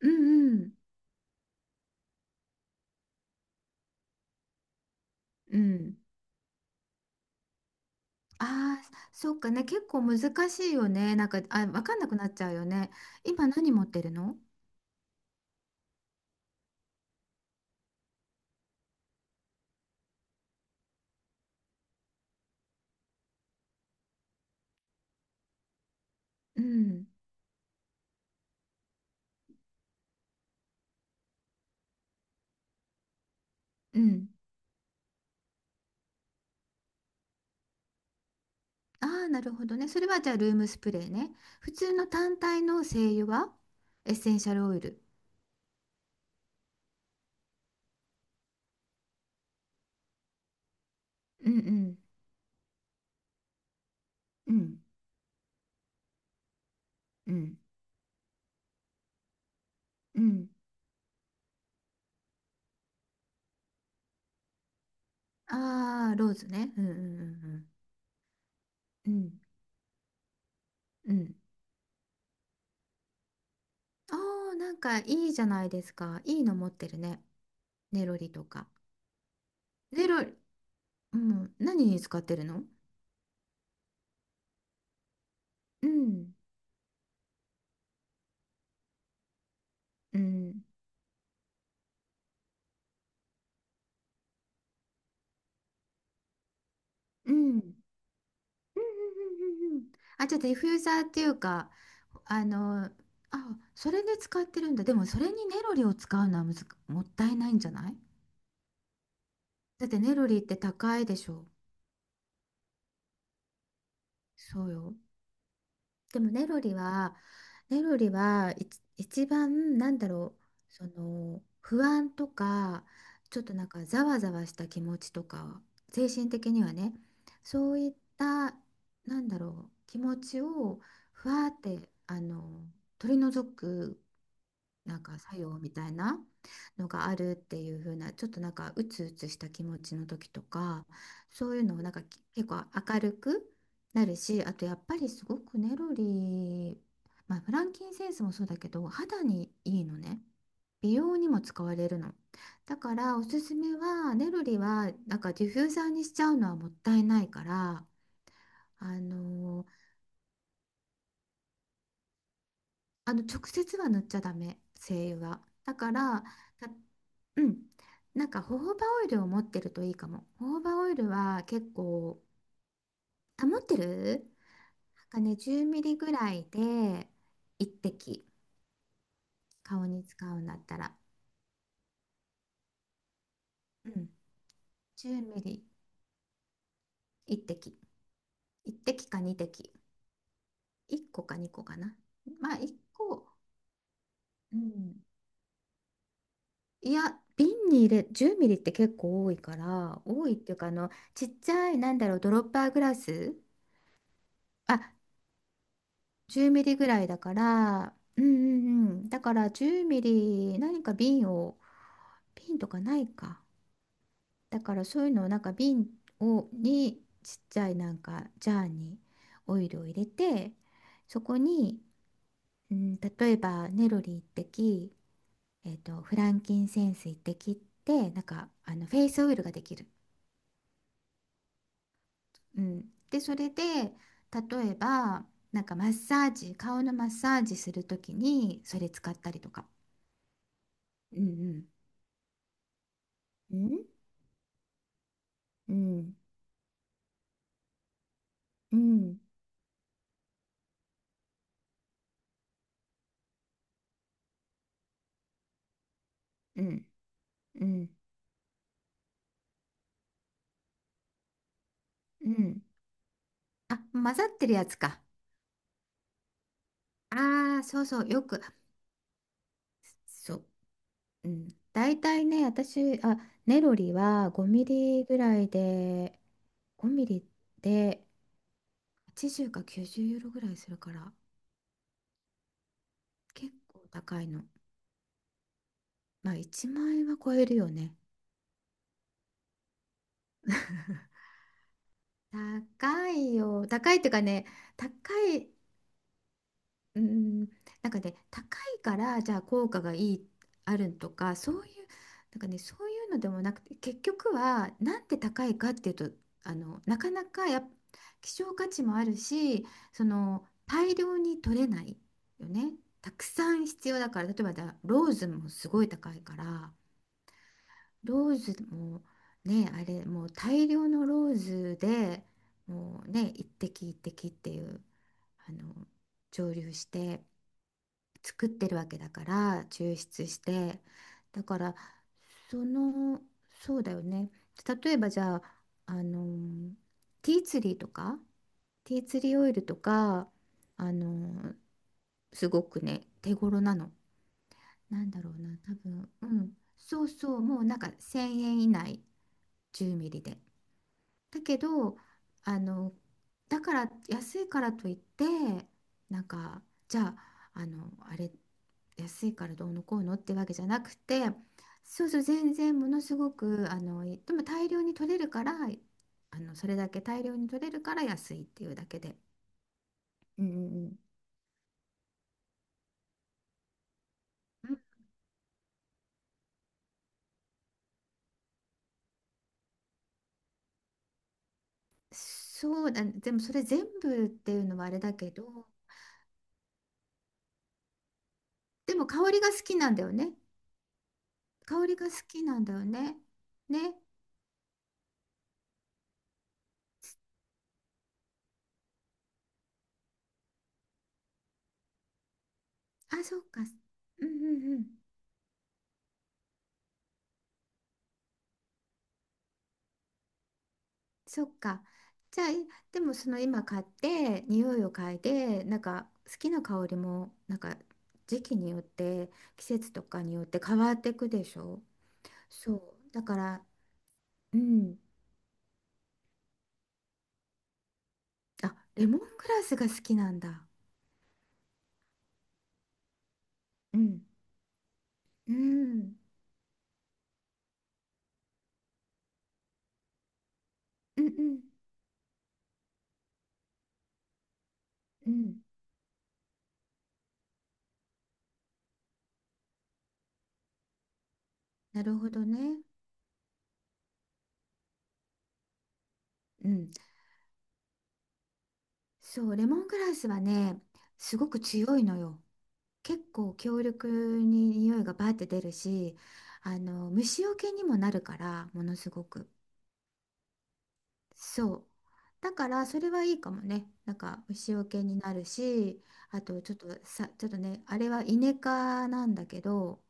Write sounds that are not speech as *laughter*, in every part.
うんうん。うん。ああー、そっかね。結構難しいよね。なんか、わかんなくなっちゃうよね。今何持ってるの？うん。うん。ああー、なるほどね。それはじゃあルームスプレーね。普通の単体の精油はエッセンシャルオイル。うんうん。うん。うん。うん。ああー、ローズね。うんうんうんうん。うん。うん。ああー、なんかいいじゃないですか。いいの持ってるね。ネロリとか。ネロリ、うん。何に使ってるの？うん。うん。うん。うんうんうん、あ、じゃあディフューザーっていうか、あの、あ、それで使ってるんだ。でもそれにネロリを使うのはむず、もったいないんじゃない？だってネロリって高いでしょ。そうよ。でもネロリは、ネロリは一番なんだろう、その不安とか、ちょっとなんかざわざわした気持ちとか、精神的にはね、そういった、なんだろう、気持ちをふわーって、あの、取り除くなんか作用みたいなのがあるっていう風な、ちょっとなんかうつうつした気持ちの時とか、そういうのをなんか結構明るくなるし、あとやっぱりすごくネロリー、まあ、フランキンセンスもそうだけど肌にいいのね。美容にも使われるの。だからおすすめはネロリはなんかディフューザーにしちゃうのはもったいないから。あのあの直接は塗っちゃダメ、精油は。だからうん。なんか、ホホバオイルを持ってるといいかも。ホホバオイルは結構、あ、持ってる？なんかね、10ミリぐらいで1滴、顔に使うんだったら。うん。10ミリ1滴。1滴か2滴。1個か2個かな。まあ、1個。うん。いや、瓶に入れ、10ミリって結構多いから、多いっていうか、あの、ちっちゃい、なんだろう、ドロッパーグラス。あ、10ミリぐらいだから、うんうんうん。だから10ミリ何か瓶を、瓶とかないか。だからそういうのをなんかにちっちゃいなんかジャーにオイルを入れて、そこに、うん、例えばネロリ滴、えっと、フランキンセンス一滴って、なんかあのフェイスオイルができる。うん、でそれで例えばなんかマッサージ、顔のマッサージするときにそれ使ったりとか。うんうんうんうんうんうん、うんうん、あ、混ざってるやつか。ああ、そうそう、よく、そう、うん。大体ね、私、あ、ネロリは5ミリぐらいで、5ミリで80か90ユーロぐらいするから、結構高いの。まあ、1万円は超えるよね。高いよ。高いっていうかね、高い、うん、なんかね、高いからじゃあ効果がいい、あるとか、そういう、なんかね、そういうのでもなくて、結局は、なんで高いかっていうと、あの、なかなかやっ、希少価値もあるし、その、大量に取れないよね。たくさん必要だから、例えばローズもすごい高いから、ローズもね、あれ、もう大量のローズでもうね、一滴一滴っていう、あの、蒸留して作ってるわけだから、抽出して。だからその、そうだよね、例えばじゃあ、あの、ティーツリーとかティーツリーオイルとか、あの、すごくね、手頃なの。なんだろうな、多分、うん、そうそう、もうなんか1,000円以内、10ミリで。だけど、あの、だから安いからといって、なんか、じゃあ、あの安いからどうのこうのってわけじゃなくて。そうそう、全然、ものすごく、あの、でも大量に取れるから、あのそれだけ大量に取れるから安いっていうだけで。うんうんうん。うん、そうだね、でもそれ全部っていうのはあれだけど、でも香りが好きなんだよね。香りが好きなんだよね。ね。あ、そうか。うんうんうん。そっか。じゃあ、でもその今買って、匂いを嗅いで、なんか好きな香りも、なんか時期によって、季節とかによって変わっていくでしょ？そう。だから、うん。あ、レモングラスが好きなんだ。うん。うん。うんうんうん。なるほどね。うん。そう、レモングラスはね、すごく強いのよ。結構強力に匂いがバーって出るし、あの、虫除けにもなるからものすごく、そう、だからそれはいいかもね、なんか虫除けになるし。あとちょっとさ、ちょっとね、あれはイネ科なんだけど、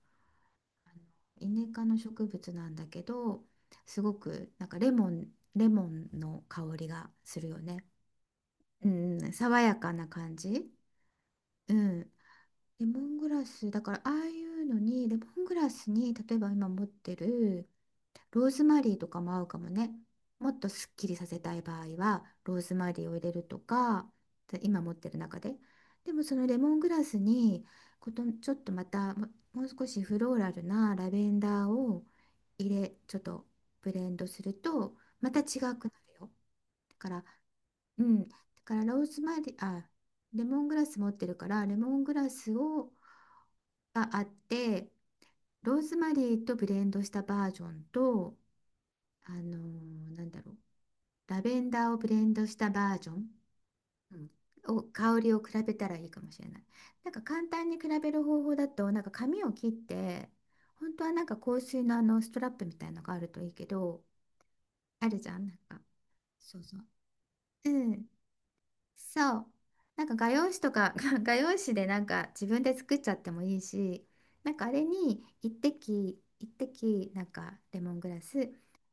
あの、イネ科の植物なんだけど、すごくなんかレモン、レモンの香りがするよね。うんうん、爽やかな感じ。うん、レモングラス、だからああいうのに、レモングラスに、例えば今持ってるローズマリーとかも合うかもね。もっとすっきりさせたい場合は、ローズマリーを入れるとか、で今持ってる中で。でもそのレモングラスに、ちょっとまたも、もう少しフローラルなラベンダーをちょっとブレンドすると、また違くなるよ。だから、うん。だからローズマリー、あ、レモングラス持ってるから、レモングラスがあって、ローズマリーとブレンドしたバージョンと、なんだろう、ラベンダーをブレンドしたバージョン、うん、を香りを比べたらいいかもしれない。なんか簡単に比べる方法だと、なんか紙を切って、本当はなんか香水のあのストラップみたいなのがあるといいけど、あるじゃん、なんか。そうそう。うん。そう。なんか画用紙とか *laughs* 画用紙でなんか自分で作っちゃってもいいし、なんかあれに一滴一滴、なんかレモングラス、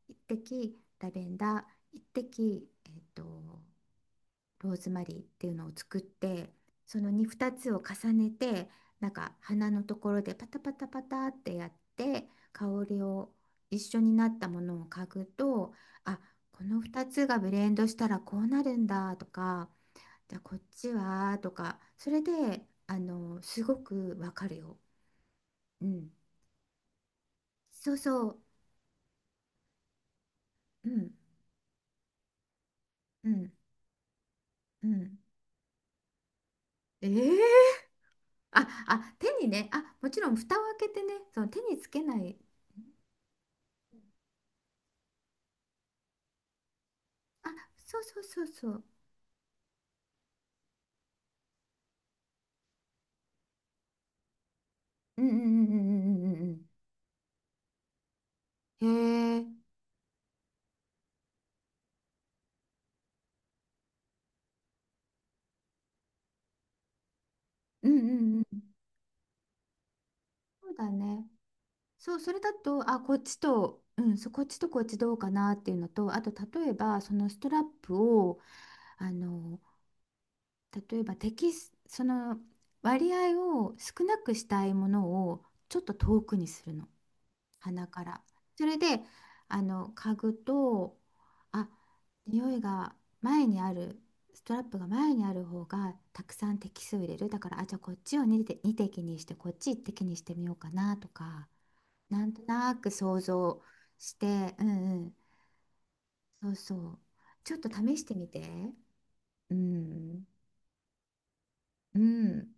一滴ラベンダー、一滴ローズマリーっていうのを作って、そのに2つを重ねて、なんか花のところでパタパタパタってやって香りを一緒になったものを嗅ぐと、あ、この2つがブレンドしたらこうなるんだとか。じゃあこっちはとか、それであのすごくわかるよ。うん、そうそう、うんうんうん、ええ、ああ、手にね、あ、もちろん蓋を開けてね、その手につけない、あ、そうそうそうそう、うんうんうんうんうんうんうん、へえ、うんうんうん、そうだね、そう、それだと、あ、こっちと、うん、そう、こっちとこっちどうかなっていうのと、あと例えばそのストラップを、あの、例えばテキスその割合を少なくしたいものをちょっと遠くにするの、鼻から。それであの嗅ぐと、あ、匂いが、前にあるストラップが前にある方がたくさん滴数を入れる。だから、あ、じゃあこっちを2滴、二滴にしてこっち1滴にしてみようかなとか、なんとなく想像して、うんうん、そうそう、ちょっと試してみて。うんうん